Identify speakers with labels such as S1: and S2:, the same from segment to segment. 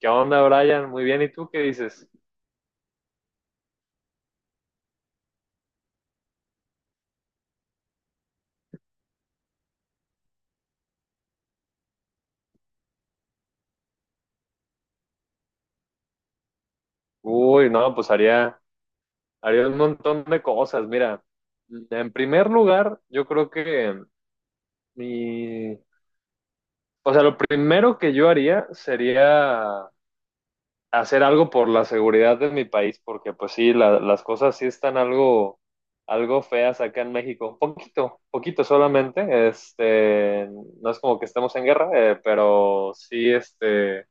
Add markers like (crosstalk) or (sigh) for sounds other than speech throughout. S1: ¿Qué onda, Brian? Muy bien, ¿y tú qué dices? Uy, no, pues haría un montón de cosas. Mira, en primer lugar, yo creo que mi, o sea, lo primero que yo haría sería hacer algo por la seguridad de mi país, porque pues sí, las cosas sí están algo feas acá en México, poquito, poquito solamente, no es como que estemos en guerra, pero sí,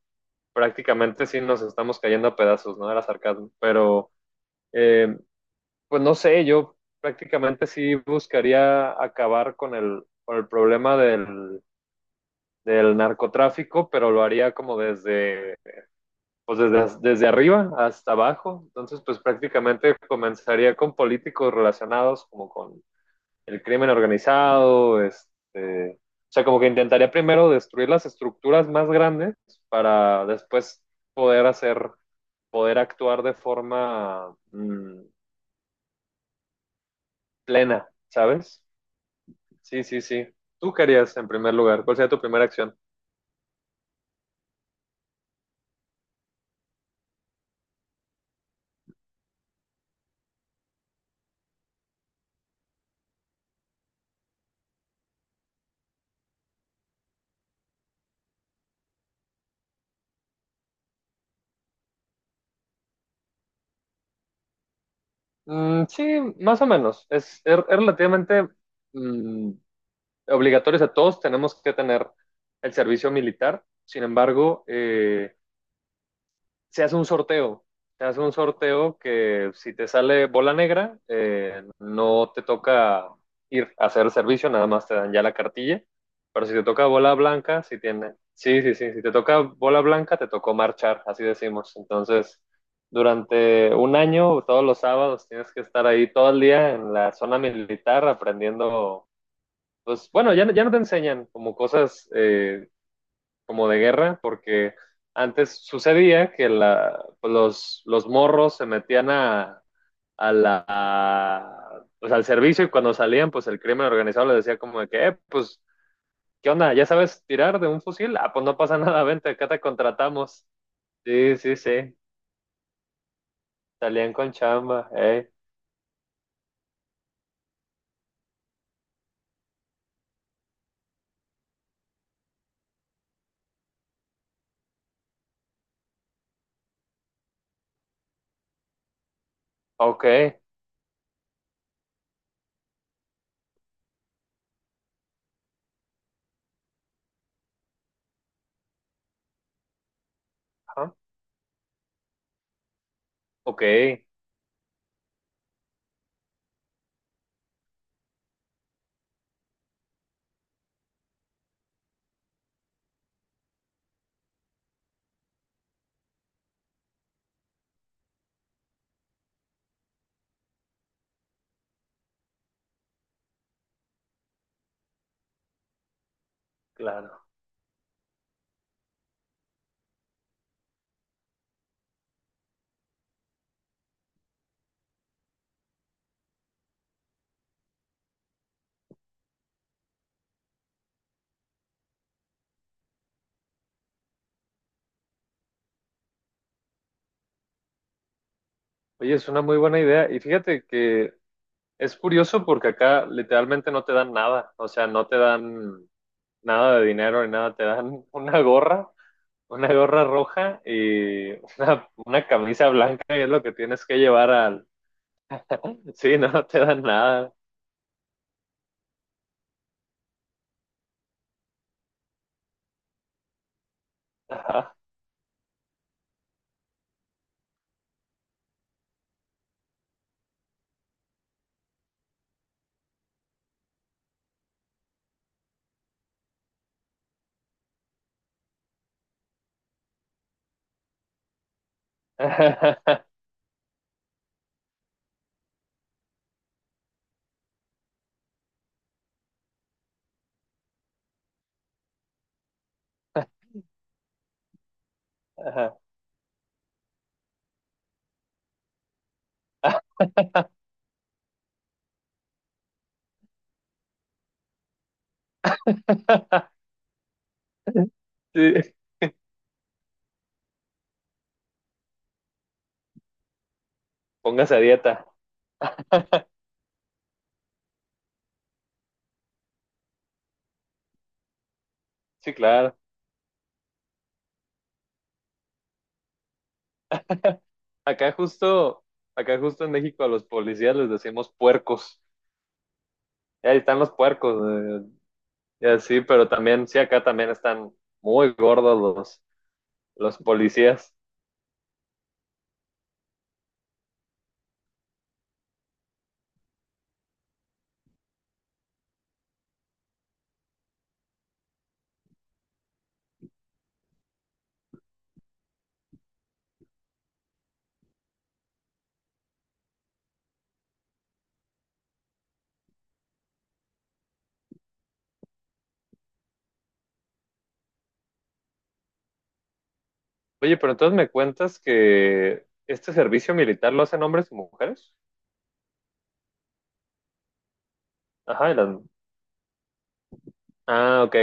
S1: prácticamente sí nos estamos cayendo a pedazos, ¿no? Era sarcasmo, pero Eh, pues no sé, yo prácticamente sí buscaría acabar con con el problema del narcotráfico, pero lo haría como desde arriba hasta abajo. Entonces, pues prácticamente comenzaría con políticos relacionados como con el crimen organizado, o sea, como que intentaría primero destruir las estructuras más grandes para después poder hacer, poder actuar de forma plena, ¿sabes? Sí, sí, sí. ¿Tú qué harías en primer lugar? ¿Cuál sería tu primera acción? Mm, sí, más o menos. Es relativamente mm, obligatorio. O sea, todos tenemos que tener el servicio militar. Sin embargo, se hace un sorteo. Se hace un sorteo que si te sale bola negra, no te toca ir a hacer el servicio, nada más te dan ya la cartilla. Pero si te toca bola blanca, si tiene, sí, sí, sí, si te toca bola blanca, te tocó marchar, así decimos. Entonces, durante un año, todos los sábados, tienes que estar ahí todo el día en la zona militar aprendiendo, pues bueno, ya, ya no te enseñan como cosas como de guerra, porque antes sucedía que los morros se metían a la, a, pues al servicio y cuando salían, pues el crimen organizado les decía como de que, pues, ¿qué onda? ¿Ya sabes tirar de un fusil? Ah, pues no pasa (laughs) nada, vente, acá te contratamos. Sí, sí, sí, salían con chamba, ok, ah, ok, claro. Oye, es una muy buena idea y fíjate que es curioso porque acá literalmente no te dan nada, o sea, no te dan nada de dinero ni nada, te dan una gorra roja y una camisa blanca y es lo que tienes que llevar al. (laughs) Sí, no, no te dan nada. Ajá. (laughs) Sí, póngase a dieta. Sí, claro. Acá justo, acá justo en México a los policías les decimos puercos. Y ahí están los puercos. eh, y así, pero también, sí, acá también están muy gordos los policías. Oye, pero entonces me cuentas que este servicio militar lo hacen hombres y mujeres. Ajá, ah, ok,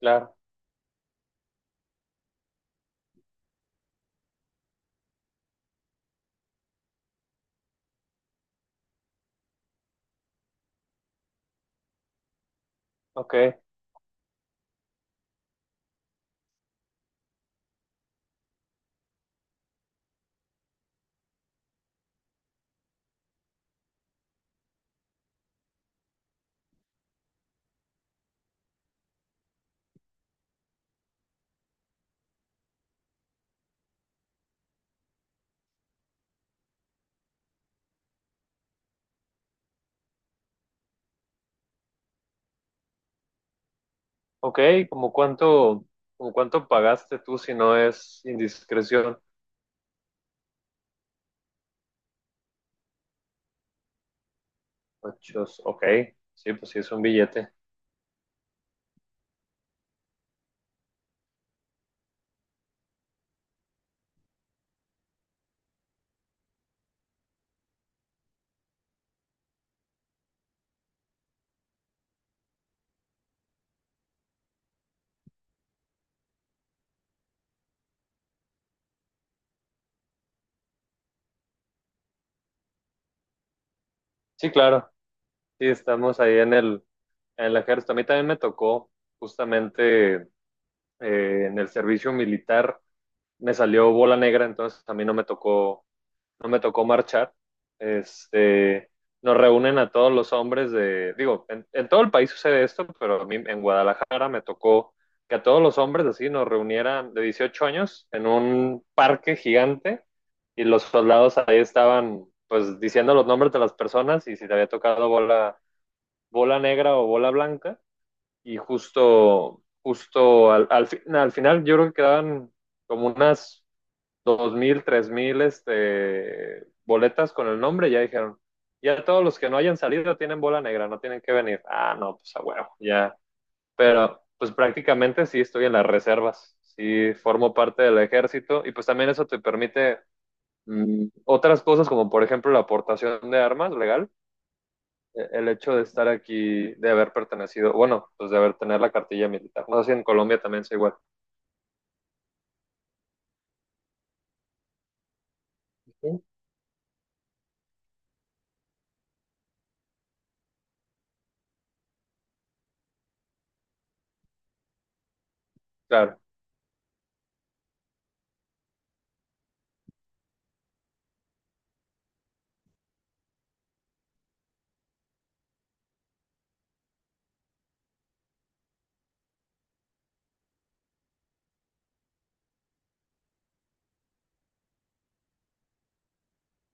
S1: claro, ok, ok, ¿como cuánto, como cuánto pagaste tú si no es indiscreción? Ochos, ok, sí, pues sí, es un billete. Sí, claro, sí, estamos ahí en el ejército. A mí también me tocó justamente en el servicio militar, me salió bola negra, entonces a mí no me tocó marchar, este, nos reúnen a todos los hombres digo, en todo el país sucede esto, pero a mí en Guadalajara me tocó que a todos los hombres así nos reunieran de 18 años en un parque gigante y los soldados ahí estaban pues diciendo los nombres de las personas y si te había tocado bola negra o bola blanca y justo al final yo creo que quedaban como unas 2.000, 3.000 boletas con el nombre, ya dijeron, ya todos los que no hayan salido tienen bola negra, no tienen que venir. Ah, no, pues a huevo, ya. Pero pues prácticamente sí estoy en las reservas, sí formo parte del ejército y pues también eso te permite otras cosas como por ejemplo la aportación de armas legal, el hecho de estar aquí, de haber pertenecido, bueno, pues de haber tener la cartilla militar. No sé si en Colombia también sea igual. Ujú. Claro.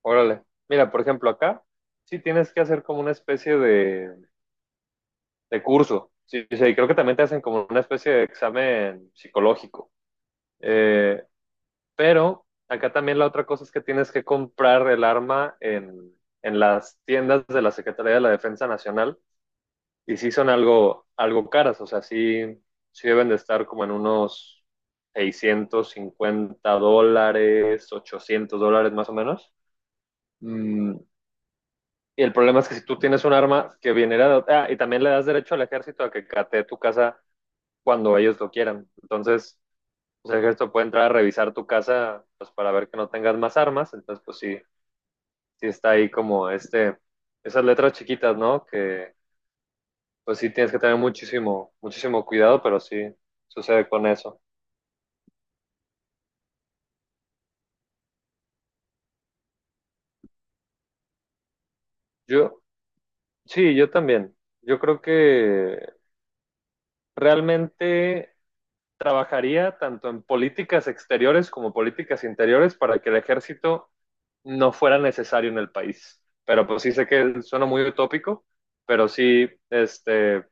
S1: Órale. Mira, por ejemplo, acá sí tienes que hacer como una especie de curso. Sí, sí, y creo que también te hacen como una especie de examen psicológico. Eh, pero acá también la otra cosa es que tienes que comprar el arma en las tiendas de la Secretaría de la Defensa Nacional. Y sí son algo caras, o sea, sí, sí deben de estar como en unos 650 dólares, 800 dólares más o menos. Mm. Y el problema es que si tú tienes un arma que viene de otra. Ah, y también le das derecho al ejército a que catee tu casa cuando ellos lo quieran. Entonces, pues, el ejército puede entrar a revisar tu casa pues, para ver que no tengas más armas. Entonces, pues sí, sí está ahí como esas letras chiquitas, ¿no? Que pues sí tienes que tener muchísimo, muchísimo cuidado, pero sí sucede con eso. Yo, sí, yo también. Yo creo que realmente trabajaría tanto en políticas exteriores como políticas interiores para que el ejército no fuera necesario en el país. Pero pues sí sé que suena muy utópico, pero sí,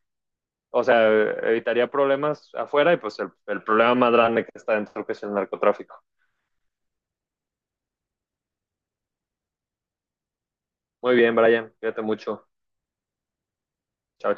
S1: o sea, evitaría problemas afuera y pues el problema más grande que está dentro que es el narcotráfico. Muy bien, Brian, cuídate mucho. Chao.